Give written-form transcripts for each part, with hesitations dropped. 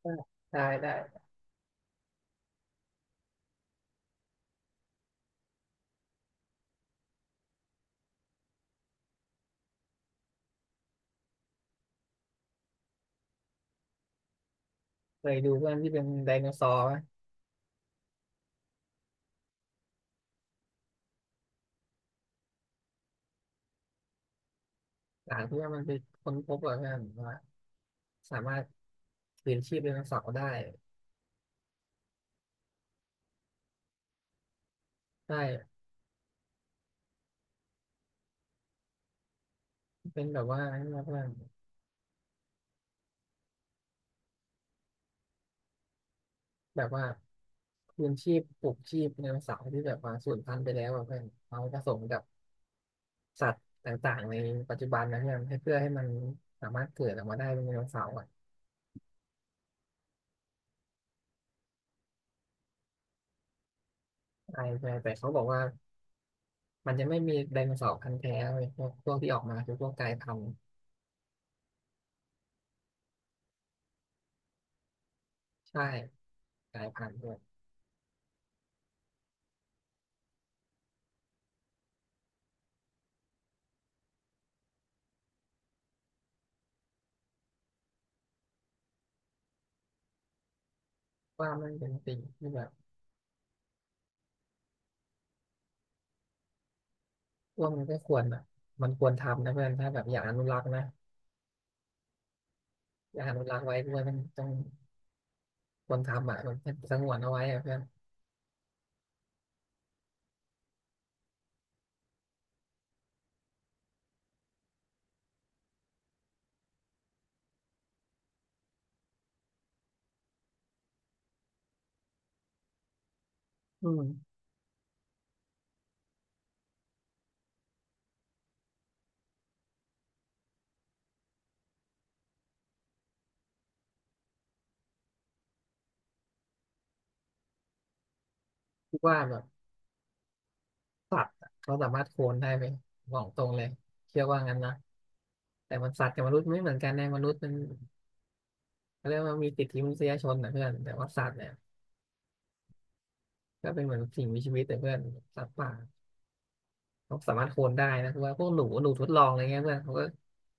เออได้ได้เคยดูเพื่อนที่เป็นไดโนเสาร์ไหมหลังที่ว่ามันไปค้นพบเหรอเพื่อนว่าสามารถคืนชีพไดโนเสาร์ได้ได้เป็นแบบว่านั่นนะเพื่อนแบบว่าคืนชีพปลุกชีพไดโนเสาร์ที่แบบว่าสูญพันธุ์ไปแล้วอะเพื่อนเอาผสมกับสัตว์ต่างๆในปัจจุบันนะเพื่อนให้เพื่อให้มันสามารถเกิดออกมาได้เป็นไดโนเสาร์อะใช่ใช่แต่เขาบอกว่ามันจะไม่มีไดโนเสาร์พันธุ์แท้เลยพวกที่ออกมาคือพวกกลายพันธุ์ใช่กลายพันธุ์ด้วยว่ามันเป็นสิ่งที่แบบ ว่ามันก็ควรแบบมันควรทำนะเพื่อนถ้าแบบอยากอนุรักษ์นะอยากอนุรักษ์ไว้ด้วยมันต้องควรทำอ่ะมันสงวนเอาไว้อ่ะเพื่อนอืมคิดว่าแบบสัตว์อะเขาสามารถโคลนได้ไหมบอกตรงเลยเชื่อว่างั้นนะแต่มันสัตว์กับมนุษย์ไม่เหมือนกันนะมนุษย์มันเขาเรียกว่ามีสิทธิมนุษยชนนะเพื่อนแต่ว่าสัตว์เนี่ยก็เป็นเหมือนสิ่งมีชีวิตแต่เพื่อนสัตว์ป่าเขาสามารถโคลนได้นะคือว่าพวกหนูทดลองอะไรเงี้ยเพื่อนเขาก็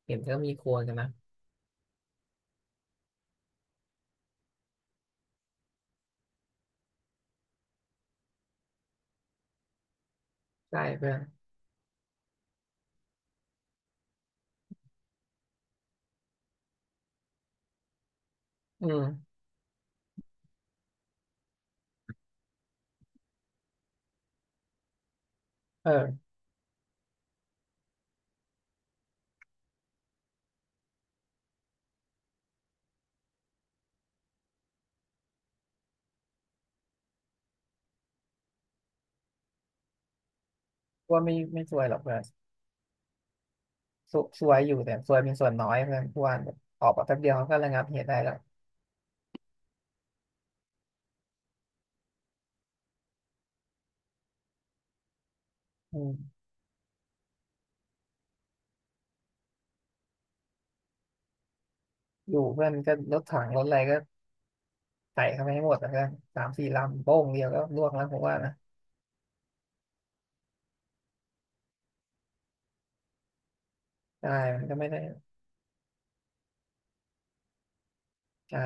เห็นก็มีโคลนกันนะใช่เพื่อนอืมเออว่าไม่ซวยหรอกเพื่อน สววยอยู่แต่สวยเป็นส่วนน้อยเพื่อนพวนแบบออกมาแป๊บเดียวเขาก็ระงับเหตุได้แล้วอืมอยู่เพื่อนก็รถถังรถอะไรก็ใส่เข้าไปให้หมดนะเพื่อนสามสี่ลำโป้งเดียวก็ล่วงแล้วผมว่านะใช่มันก็ไม่ได้ใช่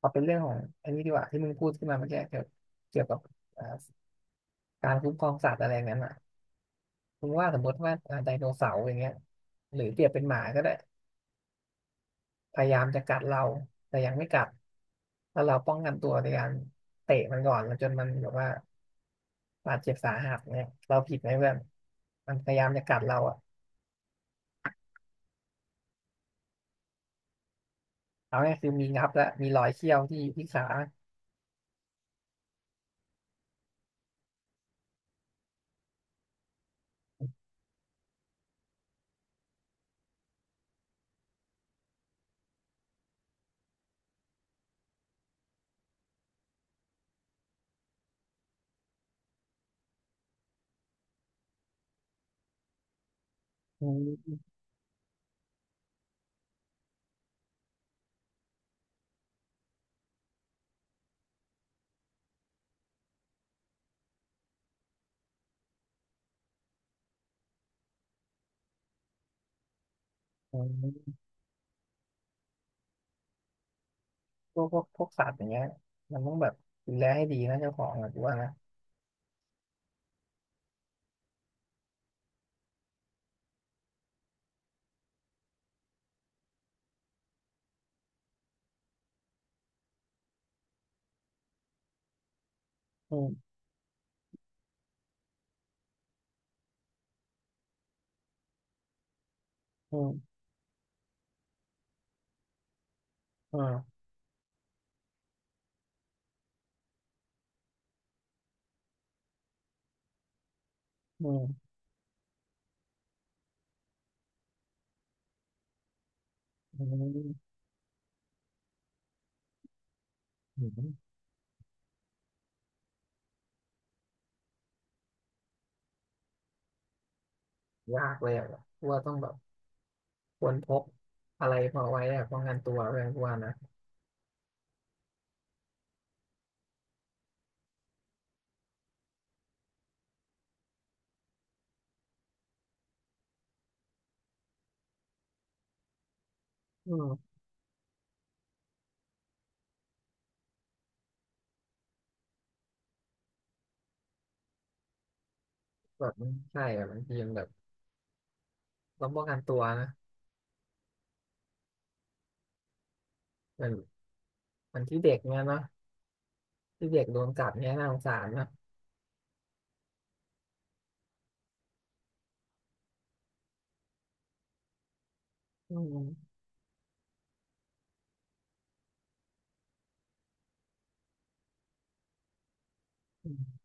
พอเป็นเรื่องของอันนี้ดีกว่าที่มึงพูดขึ้นมาเมื่อกี้เกี่ยวกับอ่าการคุ้มครองสัตว์อะไรอย่างนั้นอ่ะคุณว่าสมมติว่าไดโนเสาร์อย่างเงี้ยหรือเปรียบเป็นหมาก็ได้พยายามจะกัดเราแต่ยังไม่กัดถ้าเราป้องกันตัวในการเตะมันก่อนแล้วจนมันแบบว่า บาดเจ็บสาหัสเนี่ยเราผิดไหมเพื่อนมันพยายามจะกัดเราอ่ะเอาง่ายคือมีงับและมีรอยเขี้ยวที่ขาอืมอืมพวกสัตว์อย่างเงี้ยมันต้องแบบดูแลให้ดีนะเจ้าของอ่ะกูว่านะอืมอืมอืมอืมอืมอืมยากเลยอ่ะกูว่าต้องแบบควรพกอะไรพอไว้อ่ะป้องกันตัวเพื่อนกูว่านะอืมแบบมันใช่อ่ะบางทีมันแบบต้องป้องกันตัวนะเหมือนเหมือนที่เด็กเนี้ยเนาะที่เด็กโดนกัดเนี้ยน่าสงสารนะอืม อืม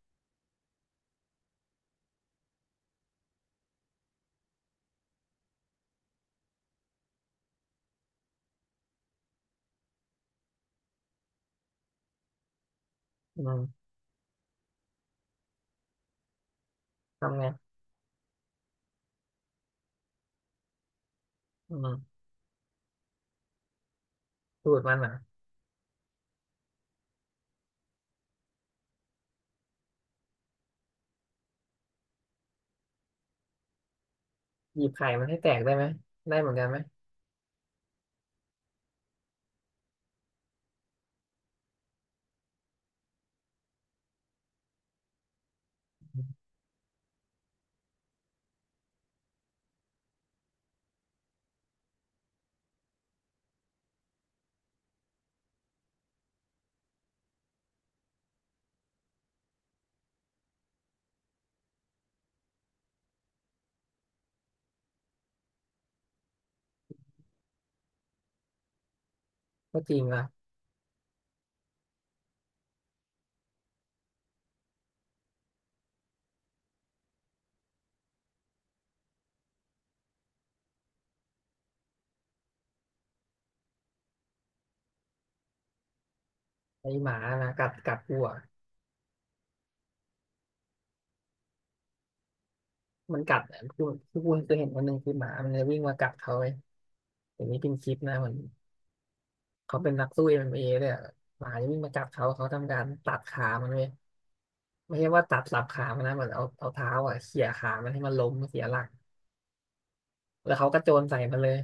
อืมทำไงอืมสูตรมันเหรอหยิบไข่มันให้แตกได้ไหมได้เหมือนกันไหมอืมก็จริงว่ะไอหมานะกัดกูอ่ะมันกัดอะคือคือกูเคยเห็นวันหนึ่งคือหมามันจะวิ่งมากัดเขาไอ้อย่างนี้เป็นคลิปนะเหมือนเขาเป็นนักสู้เอ็มเอเลยอะหมาจะวิ่งมากัดเขาเขาทำการตัดขามันเลยไม่ใช่ว่าตัดสับขามันนะเหมือนเอาเท้าอ่ะเขี่ยขามันให้มันล้มเสียหลักแล้วเขากระโจนใส่มันเลย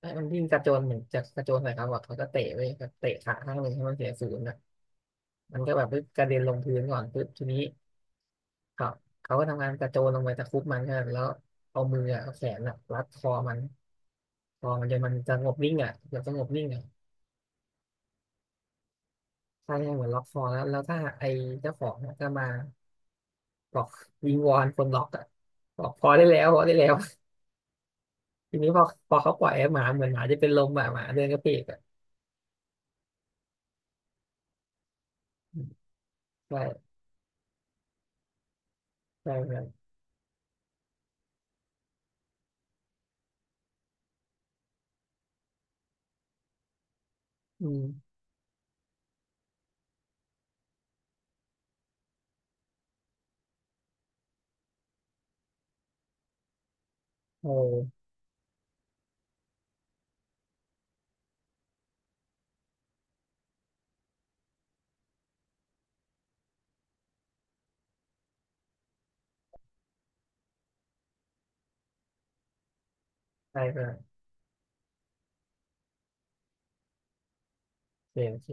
ไอ้มันวิ่งกระโจนเหมือนจะกระโจนใส่เขาอ่ะเขาก็เตะไปเตะขาข้างหนึ่งให้มันเสียศูนย์นะ มันก็แบบปึ๊บกระเด็นลงพื้นก่อนปึ๊บทีนี้เขาเขาก็ทำงานกระโจนลงไปตะครุบมันกันแล้วเอามืออะเอาแขนอะรัดคอมันคอมันจนมันจะงบนิ่งอ่ะเกือบจะงบนิ่งอ่ะใช่ใช่เหมือนล็อกคอแล้วถ้าไอ้เจ้าของอะก็มาบอกวิงวอนคนล็อกอ่ะบอกพอได้แล้วพอได้แล้ว ทีนี้พอเขาปล่อยไอ้หมาเหมือนหมาจะเป็นลมอ่ะหมาเดินกระเพกอ่ะอืมใช่ใช่ครับอืมโอ้ใช่ครับโอเคโอเค